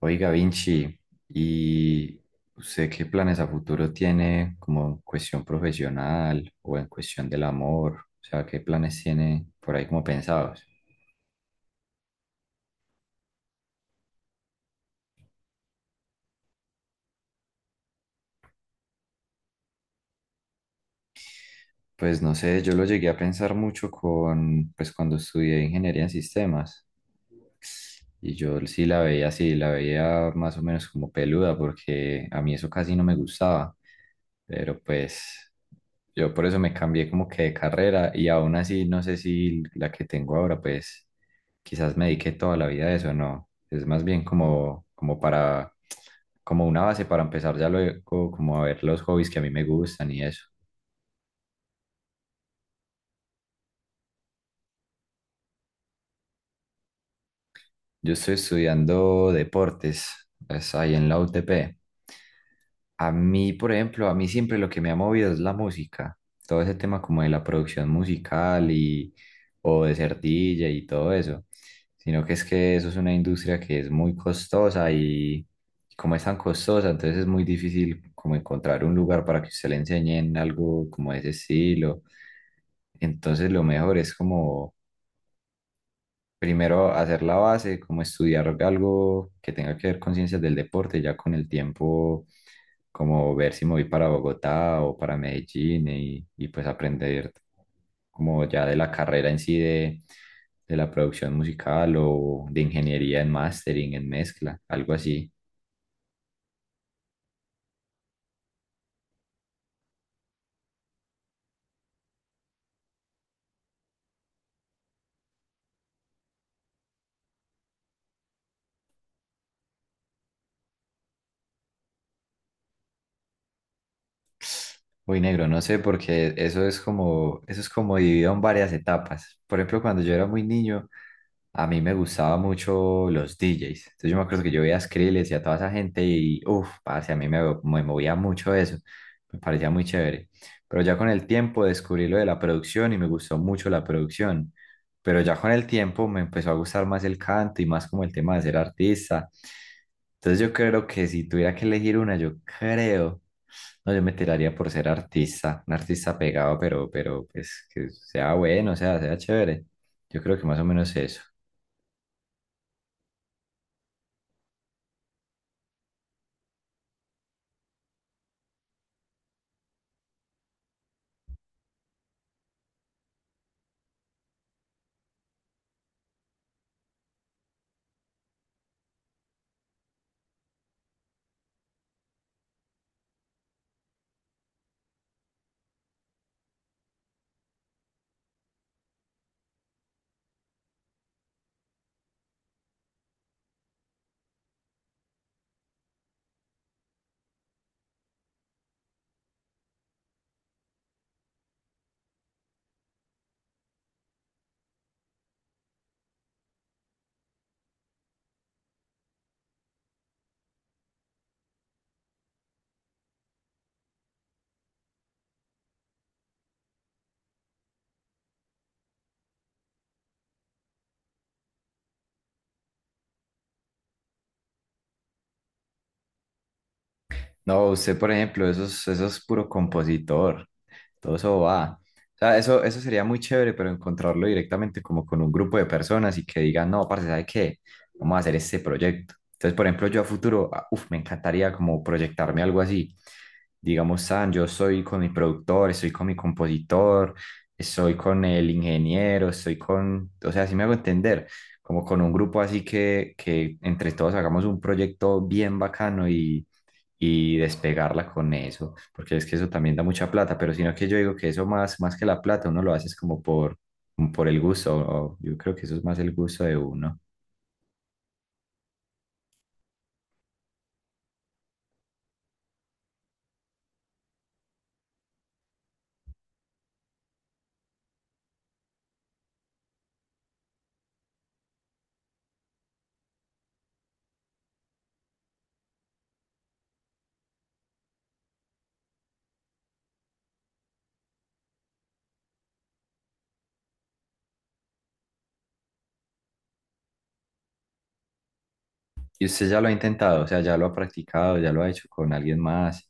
Oiga, Vinci, ¿y usted qué planes a futuro tiene como en cuestión profesional o en cuestión del amor? O sea, ¿qué planes tiene por ahí como pensados? Pues no sé, yo lo llegué a pensar mucho pues cuando estudié ingeniería en sistemas. Y yo sí la veía así, la veía más o menos como peluda, porque a mí eso casi no me gustaba. Pero pues yo por eso me cambié como que de carrera y aún así no sé si la que tengo ahora, pues quizás me dediqué toda la vida a eso, no. Es más bien como para, como una base para empezar ya luego, como a ver los hobbies que a mí me gustan y eso. Yo estoy estudiando deportes, es ahí en la UTP. A mí, por ejemplo, a mí siempre lo que me ha movido es la música, todo ese tema como de la producción musical o de ser DJ y todo eso, sino que es que eso es una industria que es muy costosa y como es tan costosa, entonces es muy difícil como encontrar un lugar para que usted le enseñen algo como de ese estilo. Entonces lo mejor es como primero hacer la base, como estudiar algo que tenga que ver con ciencias del deporte, ya con el tiempo, como ver si me voy para Bogotá o para Medellín y pues aprender como ya de la carrera en sí de la producción musical o de ingeniería en mastering, en mezcla, algo así. Uy, negro, no sé, porque eso es como dividido en varias etapas. Por ejemplo, cuando yo era muy niño, a mí me gustaba mucho los DJs. Entonces yo me acuerdo que yo veía a Skrillex y a toda esa gente y, uff, parce, me movía mucho eso. Me parecía muy chévere. Pero ya con el tiempo descubrí lo de la producción y me gustó mucho la producción. Pero ya con el tiempo me empezó a gustar más el canto y más como el tema de ser artista. Entonces yo creo que si tuviera que elegir una, yo creo. No, yo me tiraría por ser artista, un artista pegado, pero pues que sea bueno, o sea, sea chévere. Yo creo que más o menos eso. No, usted, por ejemplo, eso es puro compositor. Todo eso va. O sea, eso sería muy chévere, pero encontrarlo directamente como con un grupo de personas y que digan, no, parce, ¿sabe qué? Vamos a hacer este proyecto. Entonces, por ejemplo, yo a futuro, ah, uf, me encantaría como proyectarme algo así. Digamos, San, yo soy con mi productor, estoy con mi compositor, estoy con el ingeniero, estoy o sea, así me hago entender, como con un grupo así que entre todos hagamos un proyecto bien bacano y despegarla con eso, porque es que eso también da mucha plata, pero sino que yo digo que eso más que la plata, uno lo hace es como como por el gusto, yo creo que eso es más el gusto de uno. Y usted ya lo ha intentado, o sea, ya lo ha practicado, ya lo ha hecho con alguien más.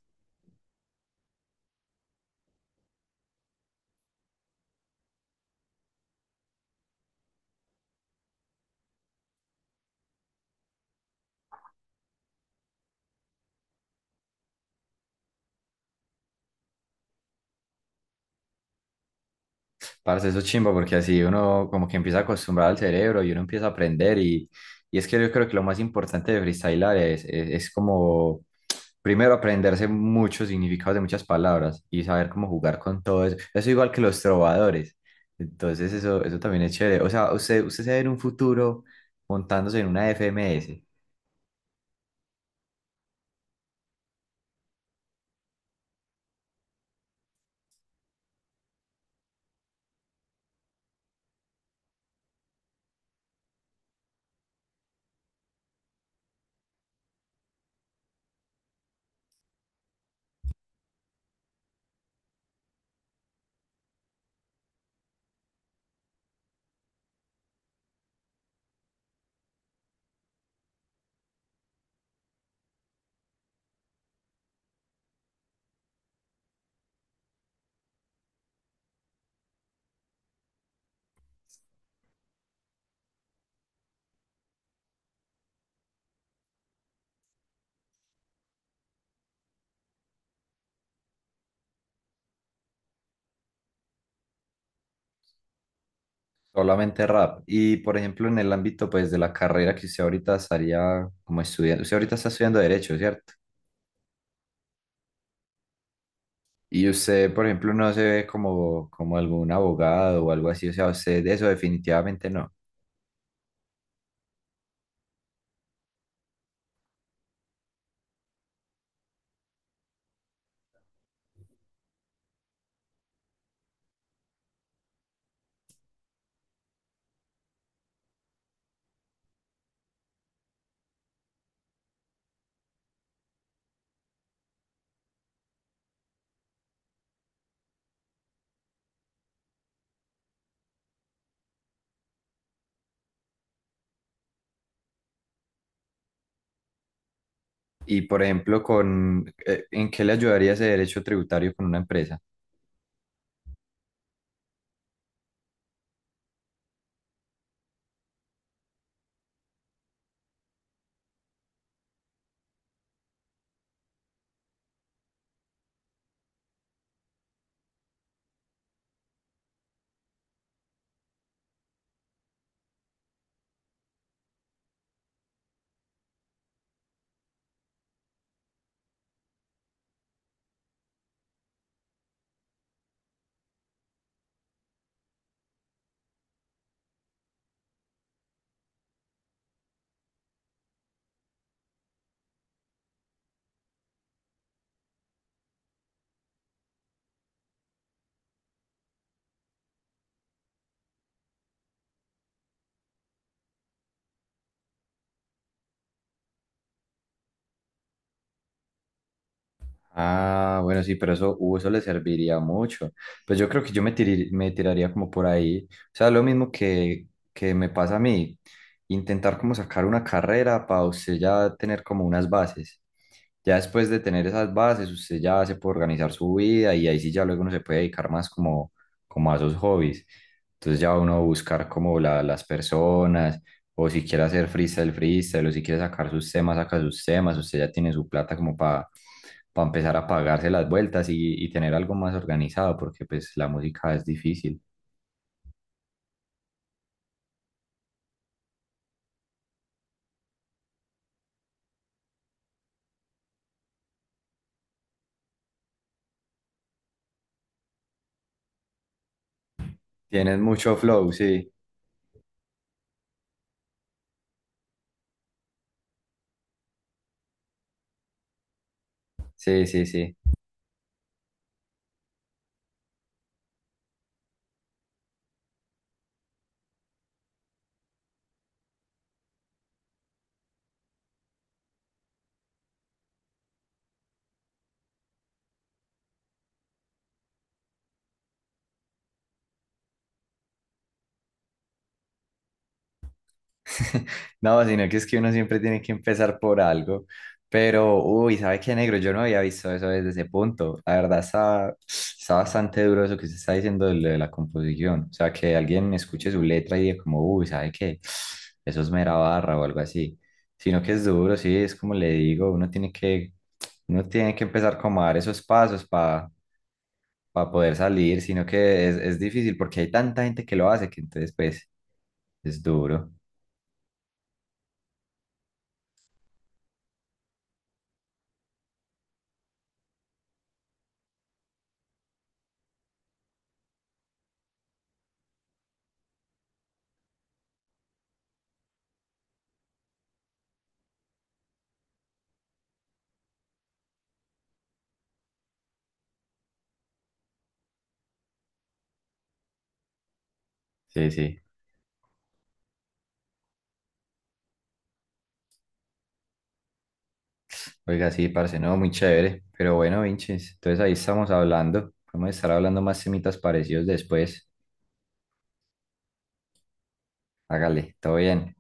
Parce, eso es chimba porque así uno como que empieza a acostumbrar al cerebro y uno empieza a aprender y es que yo creo que lo más importante de freestylar es como primero aprenderse muchos significados de muchas palabras y saber cómo jugar con todo eso. Eso igual que los trovadores. Entonces eso también es chévere. O sea, usted se ve en un futuro montándose en una FMS, solamente rap. Y por ejemplo en el ámbito pues de la carrera que usted ahorita estaría como estudiando, usted ahorita está estudiando derecho, ¿cierto? Y usted, por ejemplo, no se ve como algún abogado o algo así, o sea, usted de eso definitivamente no. Y, por ejemplo, ¿en qué le ayudaría ese derecho tributario con una empresa? Ah, bueno, sí, pero eso, eso le serviría mucho. Pues yo creo que me tiraría como por ahí. O sea, lo mismo que me pasa a mí, intentar como sacar una carrera para usted ya tener como unas bases. Ya después de tener esas bases, usted ya se puede organizar su vida y ahí sí ya luego uno se puede dedicar más como, como a sus hobbies. Entonces ya uno buscar como las personas, o si quiere hacer freestyle, freestyle, o si quiere sacar sus temas, saca sus temas. Usted ya tiene su plata como para empezar a pagarse las vueltas y tener algo más organizado, porque pues la música es difícil. Tienes mucho flow, sí, sí, sí, sí. No, sino que es que uno siempre tiene que empezar por algo. Pero, uy, ¿sabe qué, negro? Yo no había visto eso desde ese punto. Está bastante duro eso que se está diciendo lo de la composición. O sea, que alguien escuche su letra y diga como, uy, ¿sabe qué? Eso es mera barra o algo así. Sino que es duro, sí, es como le digo, uno tiene que empezar como a dar esos pasos para poder salir, sino que es difícil porque hay tanta gente que lo hace que entonces, pues, es duro. Sí, sí. Oiga, sí, parce, no, muy chévere. Pero bueno, Vinches, entonces ahí estamos hablando. Podemos estar hablando más temitas parecidos después. Hágale, todo bien.